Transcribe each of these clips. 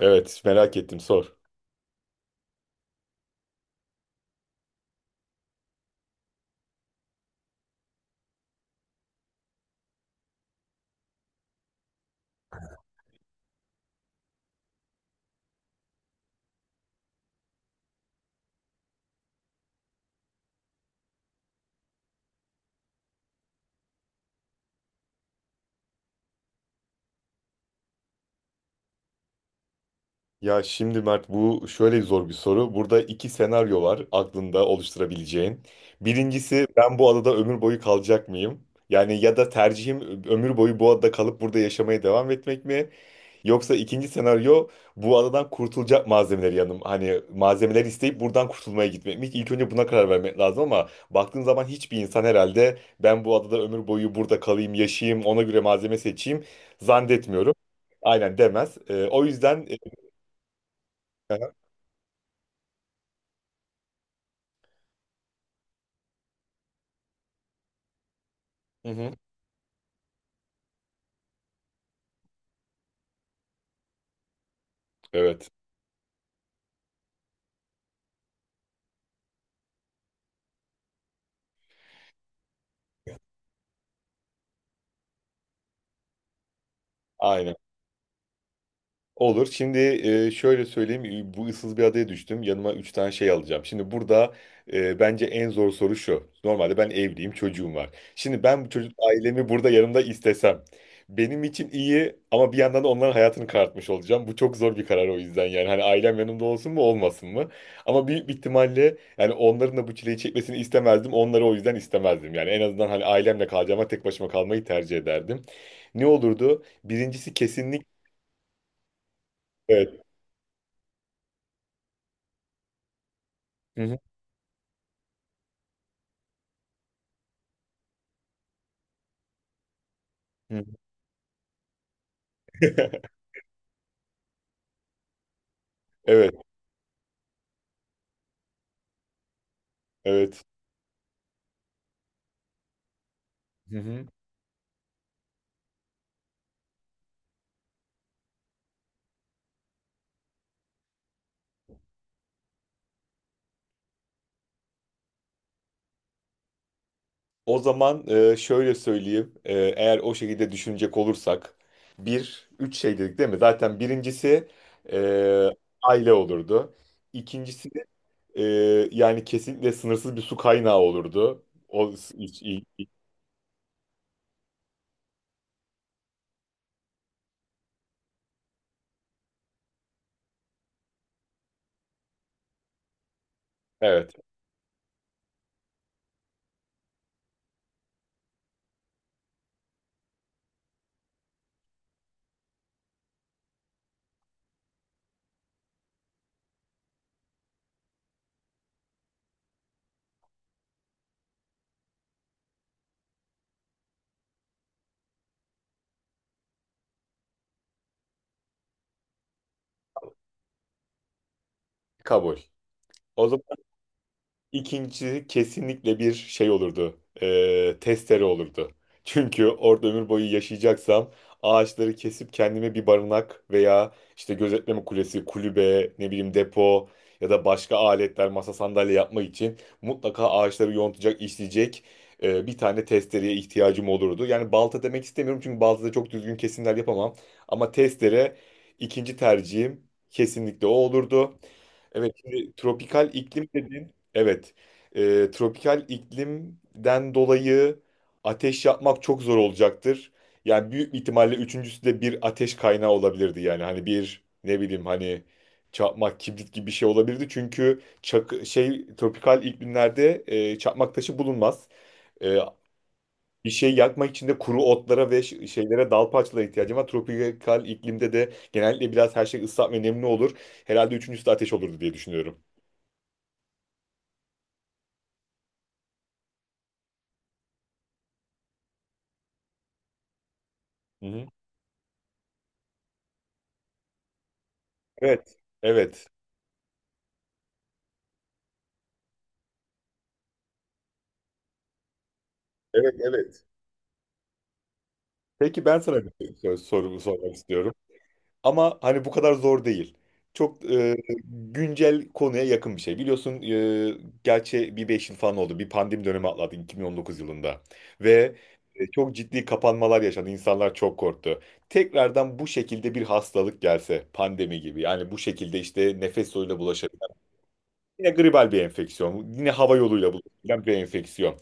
Evet, merak ettim, sor. Ya şimdi Mert, bu şöyle zor bir soru. Burada iki senaryo var aklında oluşturabileceğin. Birincisi, ben bu adada ömür boyu kalacak mıyım? Yani ya da tercihim ömür boyu bu adada kalıp burada yaşamaya devam etmek mi? Yoksa ikinci senaryo, bu adadan kurtulacak malzemeleri yanım. Hani malzemeler isteyip buradan kurtulmaya gitmek mi? İlk önce buna karar vermek lazım ama baktığın zaman hiçbir insan herhalde ben bu adada ömür boyu burada kalayım, yaşayayım, ona göre malzeme seçeyim zannetmiyorum. Aynen, demez. O yüzden. Hı hı. Evet. Aynen. Olur. Şimdi şöyle söyleyeyim. Bu ıssız bir adaya düştüm. Yanıma üç tane şey alacağım. Şimdi burada bence en zor soru şu. Normalde ben evliyim, çocuğum var. Şimdi ben bu çocuk ailemi burada yanımda istesem. Benim için iyi, ama bir yandan da onların hayatını karartmış olacağım. Bu çok zor bir karar o yüzden, yani. Hani ailem yanımda olsun mu olmasın mı? Ama büyük bir ihtimalle, yani onların da bu çileyi çekmesini istemezdim. Onları o yüzden istemezdim. Yani en azından hani ailemle kalacağıma tek başıma kalmayı tercih ederdim. Ne olurdu? Birincisi kesinlik. Evet. Hı. Evet, evet. Hı hı. O zaman şöyle söyleyeyim. Eğer o şekilde düşünecek olursak, bir, üç şey dedik değil mi? Zaten birincisi e, aile olurdu. İkincisi e, yani kesinlikle sınırsız bir su kaynağı olurdu. O, s- iç- i- Evet, kabul. O zaman. İkinci kesinlikle bir şey olurdu. Testere olurdu. Çünkü orada ömür boyu yaşayacaksam, ağaçları kesip kendime bir barınak veya işte gözetleme kulesi, kulübe, ne bileyim, depo ya da başka aletler, masa, sandalye yapmak için mutlaka ağaçları yontacak, işleyecek bir tane testereye ihtiyacım olurdu. Yani balta demek istemiyorum, çünkü baltada çok düzgün kesimler yapamam. Ama testere ikinci tercihim, kesinlikle o olurdu. Evet, şimdi tropikal iklim dedin. Evet. Tropikal iklimden dolayı ateş yapmak çok zor olacaktır. Yani büyük ihtimalle üçüncüsü de bir ateş kaynağı olabilirdi yani. Hani bir, ne bileyim, hani çakmak, kibrit gibi bir şey olabilirdi. Çünkü şey, tropikal iklimlerde çakmak taşı bulunmaz. E, Bir şey yakmak için de kuru otlara ve şeylere, dal parçalara ihtiyacım var. Tropikal iklimde de genellikle biraz her şey ıslak ve nemli olur. Herhalde üçüncüsü de ateş olurdu diye düşünüyorum. Hı hı. Evet. Evet. Evet, evet. Peki, ben sana bir sorumu sormak istiyorum. Ama hani bu kadar zor değil. Çok güncel konuya yakın bir şey. Biliyorsun, gerçi bir 5 yıl falan oldu. Bir pandemi dönemi atlattık, 2019 yılında. Ve çok ciddi kapanmalar yaşandı. İnsanlar çok korktu. Tekrardan bu şekilde bir hastalık gelse, pandemi gibi. Yani bu şekilde, işte, nefes yoluyla bulaşabilen. Yine gribal bir enfeksiyon. Yine hava yoluyla bulaşabilen bir enfeksiyon.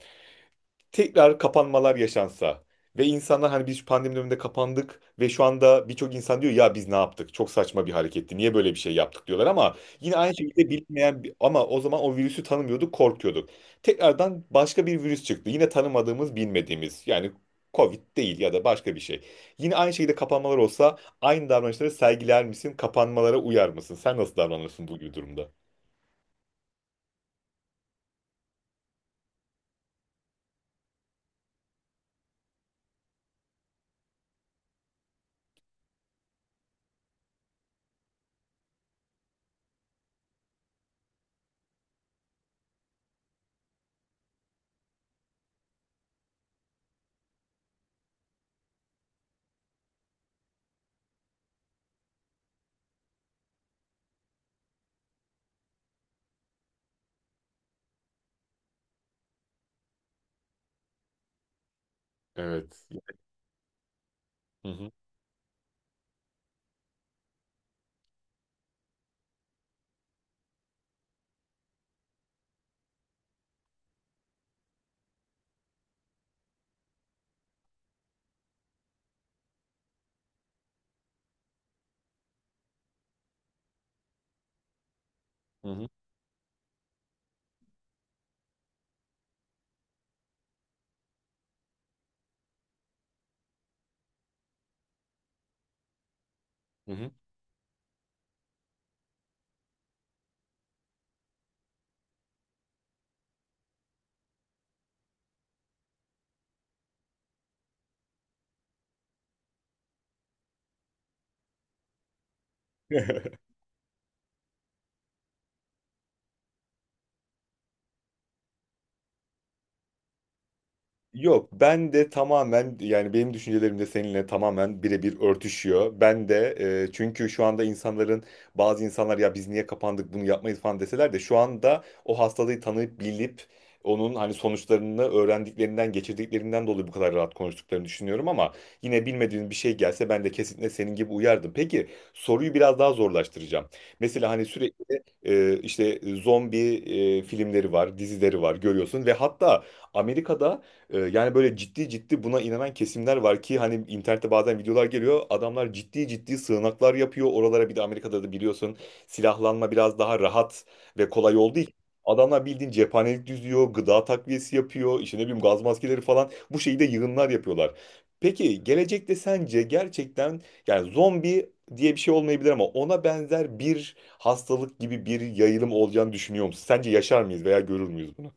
Tekrar kapanmalar yaşansa, ve insanlar hani biz pandemi döneminde kapandık ve şu anda birçok insan diyor ya, biz ne yaptık? Çok saçma bir hareketti. Niye böyle bir şey yaptık diyorlar, ama yine aynı şekilde bilinmeyen ama o zaman o virüsü tanımıyorduk, korkuyorduk. Tekrardan başka bir virüs çıktı. Yine tanımadığımız, bilmediğimiz, yani Covid değil ya da başka bir şey. Yine aynı şekilde kapanmalar olsa, aynı davranışları sergiler misin? Kapanmalara uyar mısın? Sen nasıl davranırsın bu gibi durumda? Evet. Hı hı. Hı hı. Hı hı. Yok, ben de tamamen, yani benim düşüncelerim de seninle tamamen birebir örtüşüyor. Ben de çünkü şu anda insanların, bazı insanlar ya biz niye kapandık, bunu yapmayız falan deseler de, şu anda o hastalığı tanıyıp bilip, onun hani sonuçlarını öğrendiklerinden, geçirdiklerinden dolayı bu kadar rahat konuştuklarını düşünüyorum, ama yine bilmediğin bir şey gelse ben de kesinlikle senin gibi uyardım. Peki, soruyu biraz daha zorlaştıracağım. Mesela hani sürekli işte zombi filmleri var, dizileri var, görüyorsun ve hatta Amerika'da, yani böyle ciddi ciddi buna inanan kesimler var ki, hani internette bazen videolar geliyor. Adamlar ciddi ciddi sığınaklar yapıyor. Oralara, bir de Amerika'da da biliyorsun, silahlanma biraz daha rahat ve kolay olduğu için adamlar bildiğin cephanelik düzüyor, gıda takviyesi yapıyor, işte ne bileyim, gaz maskeleri falan, bu şeyde yığınlar yapıyorlar. Peki gelecekte sence gerçekten, yani zombi diye bir şey olmayabilir ama ona benzer bir hastalık gibi bir yayılım olacağını düşünüyor musun? Sence yaşar mıyız veya görür müyüz bunu?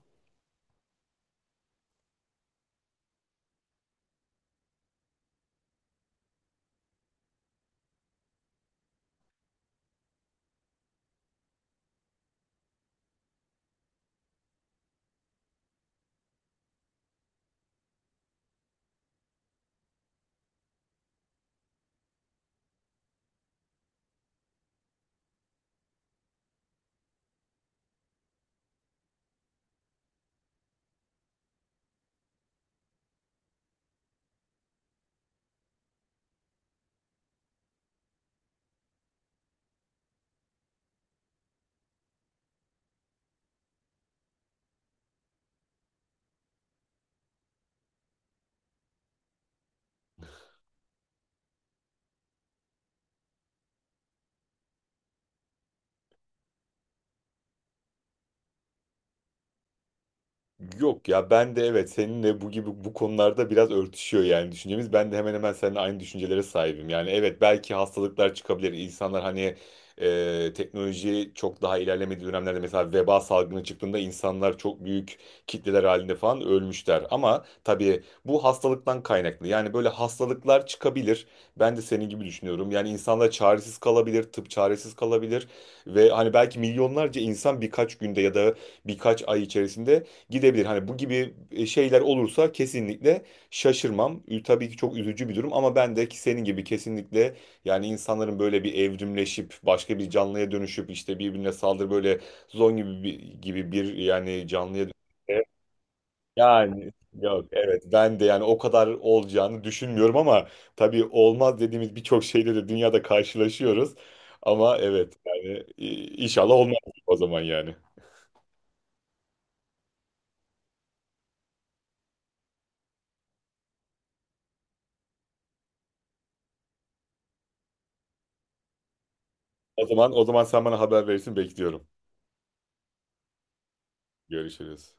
Yok ya, ben de, evet, seninle bu gibi bu konularda biraz örtüşüyor yani düşüncemiz. Ben de hemen hemen seninle aynı düşüncelere sahibim. Yani evet, belki hastalıklar çıkabilir. İnsanlar hani teknoloji çok daha ilerlemediği dönemlerde, mesela veba salgını çıktığında insanlar çok büyük kitleler halinde falan ölmüşler. Ama tabii bu hastalıktan kaynaklı. Yani böyle hastalıklar çıkabilir. Ben de senin gibi düşünüyorum. Yani insanlar çaresiz kalabilir, tıp çaresiz kalabilir, ve hani belki milyonlarca insan birkaç günde ya da birkaç ay içerisinde gidebilir. Hani bu gibi şeyler olursa kesinlikle şaşırmam. Tabii ki çok üzücü bir durum, ama ben de ki senin gibi, kesinlikle, yani insanların böyle bir evrimleşip başka bir canlıya dönüşüp işte birbirine böyle gibi bir, yani canlıya dönüşüp, yani yok, evet, ben de yani o kadar olacağını düşünmüyorum, ama tabii olmaz dediğimiz birçok şeyle de dünyada karşılaşıyoruz. Ama evet, yani inşallah olmaz o zaman yani. O zaman sen bana haber verirsin, bekliyorum. Görüşürüz.